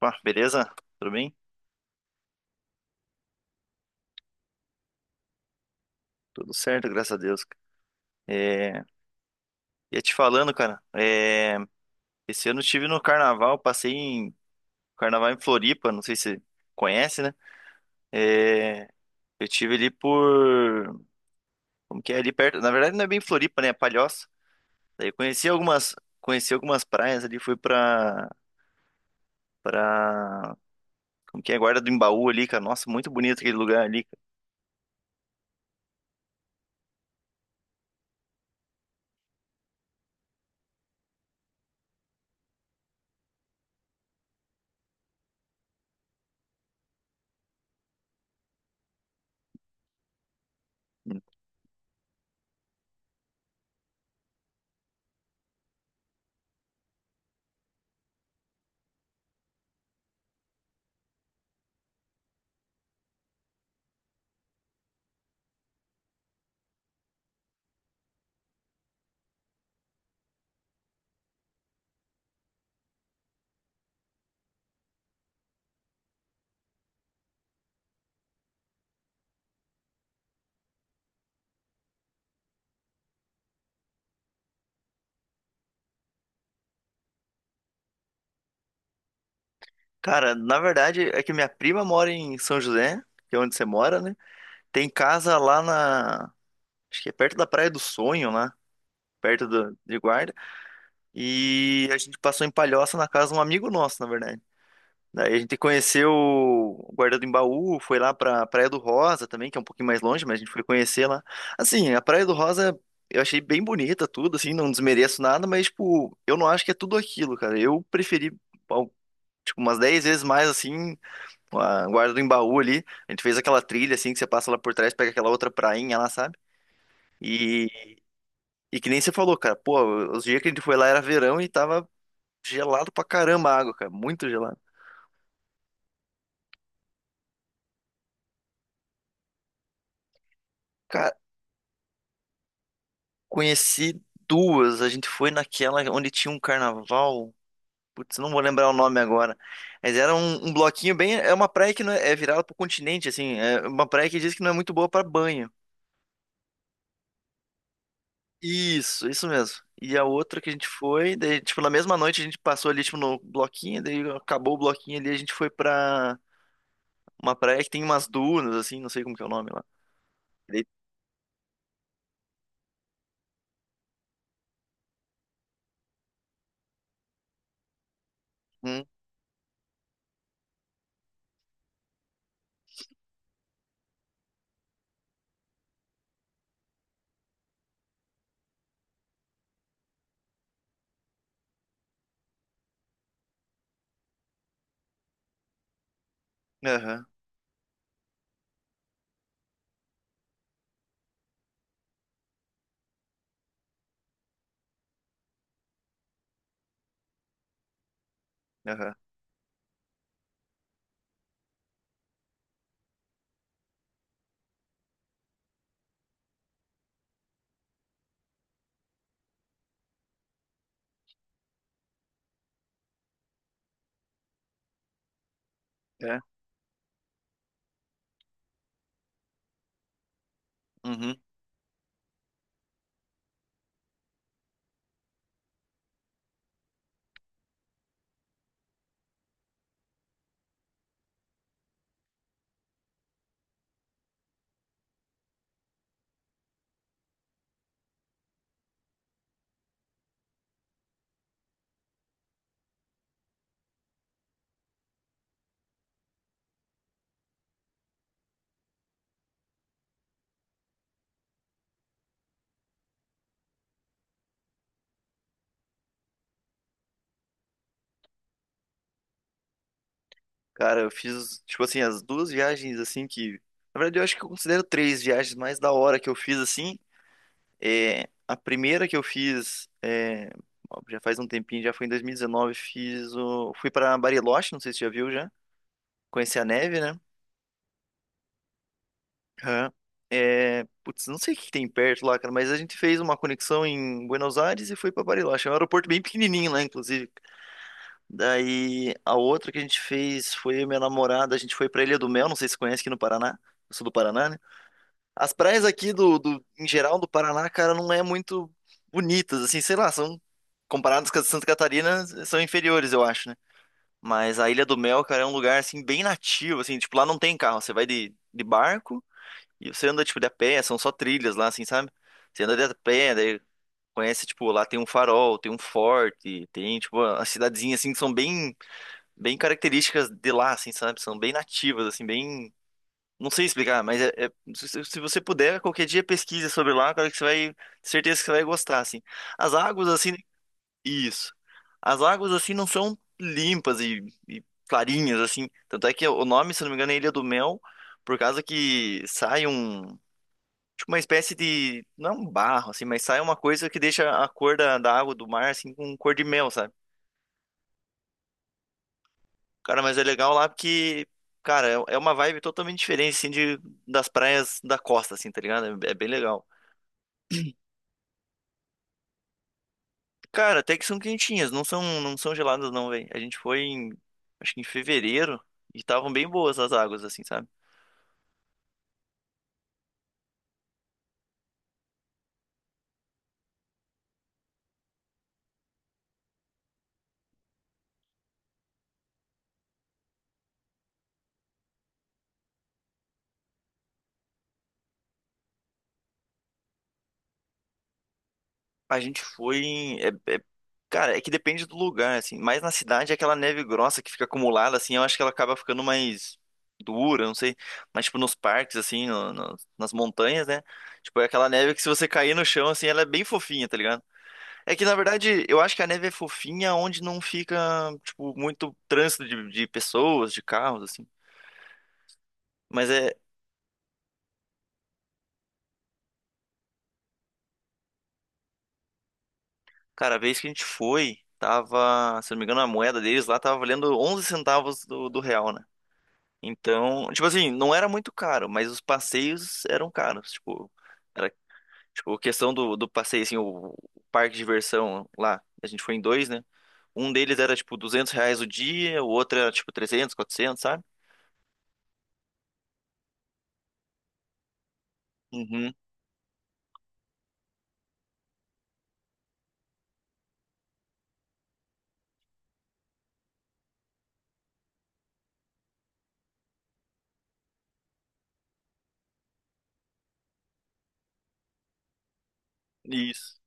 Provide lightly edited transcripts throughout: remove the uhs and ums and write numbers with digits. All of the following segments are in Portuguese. Pá, beleza? Tudo bem? Tudo certo, graças a Deus. É, ia te falando, cara, esse ano eu estive no carnaval, passei em carnaval em Floripa, não sei se você conhece, né? É, eu tive ali por, como que é, ali perto, na verdade não é bem Floripa, né, é Palhoça. Daí eu conheci algumas praias ali, fui pra como que é, Guarda do Embaú ali, cara, nossa, muito bonito aquele lugar ali. Cara, na verdade é que minha prima mora em São José, que é onde você mora, né? Tem casa lá na, acho que é perto da Praia do Sonho, lá, perto de Guarda. E a gente passou em Palhoça na casa de um amigo nosso, na verdade. Daí a gente conheceu o Guarda do Embaú, foi lá pra Praia do Rosa também, que é um pouquinho mais longe, mas a gente foi conhecer lá. Assim, a Praia do Rosa eu achei bem bonita tudo, assim, não desmereço nada, mas, tipo, eu não acho que é tudo aquilo, cara. Eu preferi, ao- tipo, umas 10 vezes mais, assim, a Guarda do Embaú ali. A gente fez aquela trilha, assim, que você passa lá por trás, pega aquela outra prainha lá, sabe? E que nem você falou, cara, pô, os dias que a gente foi lá era verão e tava gelado pra caramba a água, cara, muito gelado. Cara, conheci duas, a gente foi naquela onde tinha um carnaval, putz, não vou lembrar o nome agora, mas era um bloquinho bem, é uma praia que não é, é virada pro continente, assim, é uma praia que diz que não é muito boa pra banho. Isso mesmo. E a outra que a gente foi, daí, tipo, na mesma noite a gente passou ali, tipo, no bloquinho, daí acabou o bloquinho ali, a gente foi pra uma praia que tem umas dunas, assim, não sei como que é o nome lá. Daí, aham, aham. É. Uhum. Cara, eu fiz, tipo assim, as duas viagens assim que. Na verdade, eu acho que eu considero três viagens mais da hora que eu fiz assim. É, a primeira que eu fiz é, ó, já faz um tempinho, já foi em 2019, fiz o. Fui pra Bariloche, não sei se você já viu já. Conheci a neve, né? Aham. É, putz, não sei o que tem perto lá, cara, mas a gente fez uma conexão em Buenos Aires e foi pra Bariloche. É um aeroporto bem pequenininho lá, inclusive. Daí a outra que a gente fez foi eu e minha namorada, a gente foi pra Ilha do Mel, não sei se você conhece aqui no Paraná. Eu sou do Paraná, né? As praias aqui do em geral do Paraná, cara, não é muito bonitas, assim, sei lá, são comparadas com as de Santa Catarina, são inferiores, eu acho, né? Mas a Ilha do Mel, cara, é um lugar assim bem nativo, assim, tipo, lá não tem carro, você vai de barco e você anda tipo de a pé, são só trilhas lá, assim, sabe? Você anda de a pé, daí conhece, tipo, lá tem um farol, tem um forte, tem tipo a cidadezinha assim que são bem características de lá, assim, sabe? São bem nativas, assim, bem. Não sei explicar, mas é, se você puder, qualquer dia pesquisa sobre lá, cara, que você vai. Certeza que você vai gostar, assim. As águas, assim. Isso. As águas, assim, não são limpas e clarinhas, assim. Tanto é que o nome, se não me engano, é Ilha do Mel, por causa que sai um. Tipo, uma espécie de. Não é um barro, assim, mas sai uma coisa que deixa a cor da água do mar, assim, com cor de mel, sabe? Cara, mas é legal lá porque, cara, é uma vibe totalmente diferente, assim, de, das praias da costa, assim, tá ligado? É, é bem legal. Cara, até que são quentinhas, não são geladas não, velho. A gente foi em, acho que em fevereiro e estavam bem boas as águas, assim, sabe? A gente foi em, é- cara, é que depende do lugar, assim. Mas na cidade, é aquela neve grossa que fica acumulada, assim, eu acho que ela acaba ficando mais dura, não sei. Mas, tipo, nos parques, assim, nas montanhas, né? Tipo, é aquela neve que se você cair no chão, assim, ela é bem fofinha, tá ligado? É que, na verdade, eu acho que a neve é fofinha onde não fica, tipo, muito trânsito de pessoas, de carros, assim. Mas é, cara, a vez que a gente foi, tava, se não me engano, a moeda deles lá tava valendo 11 centavos do real, né? Então, tipo assim, não era muito caro, mas os passeios eram caros. Tipo, era, tipo, questão do passeio, assim, o parque de diversão lá, a gente foi em dois, né? Um deles era, tipo, 200 reais o dia, o outro era, tipo, trezentos, quatrocentos, sabe? Uhum, isso.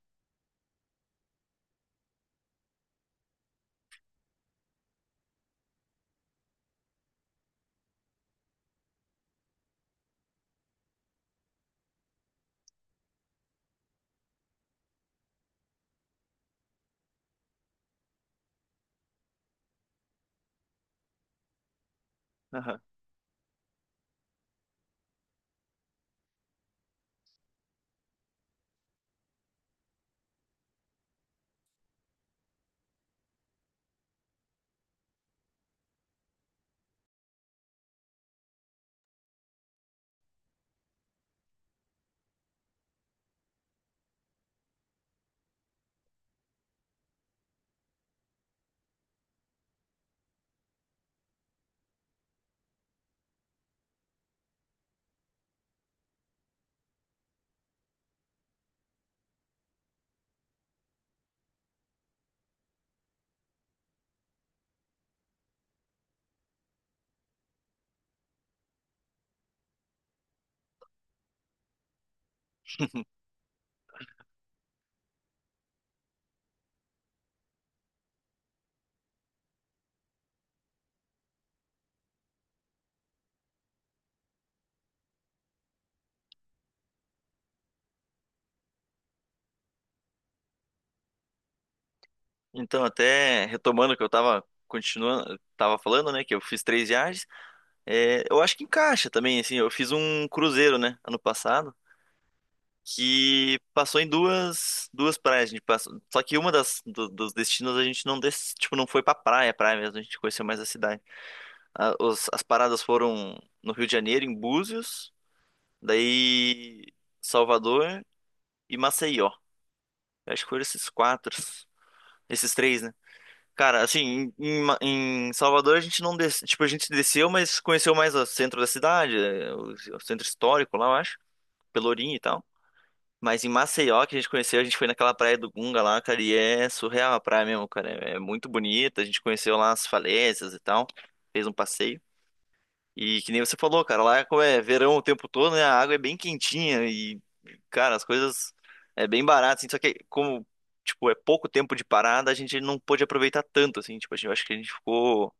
Então, até retomando o que eu tava continuando, tava falando, né, que eu fiz três viagens, é, eu acho que encaixa também, assim, eu fiz um cruzeiro, né, ano passado, que passou em duas, duas praias, a gente passou, só que uma das, do- dos destinos a gente não, des, tipo, não foi pra praia, praia mesmo, a gente conheceu mais a cidade. A- os- as paradas foram no Rio de Janeiro, em Búzios, daí Salvador e Maceió. Eu acho que foram esses quatro, esses três, né? Cara, assim, em, em Salvador a gente não des... tipo, a gente desceu, mas conheceu mais o centro da cidade, eh, o centro histórico lá, eu acho, Pelourinho e tal. Mas em Maceió, que a gente conheceu, a gente foi naquela praia do Gunga lá, cara, e é surreal a praia mesmo, cara. É, é muito bonita, a gente conheceu lá as falésias e tal, fez um passeio. E que nem você falou, cara, lá é como é verão o tempo todo, né? A água é bem quentinha e, cara, as coisas é bem barato, assim, só que como, tipo, é pouco tempo de parada, a gente não pôde aproveitar tanto, assim, tipo, a gente, eu acho que a gente ficou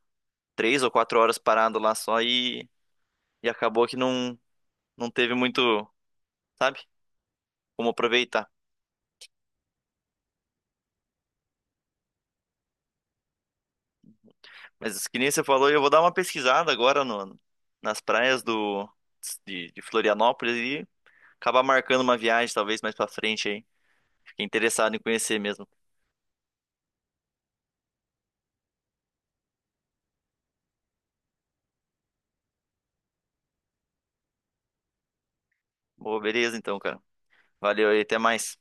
três ou quatro horas parado lá só e acabou que não, não teve muito, sabe, como aproveitar. Mas que nem você falou, eu vou dar uma pesquisada agora no, nas praias do, de Florianópolis e acabar marcando uma viagem, talvez, mais pra frente aí. Fiquei interessado em conhecer mesmo. Pô, beleza então, cara. Valeu aí, até mais.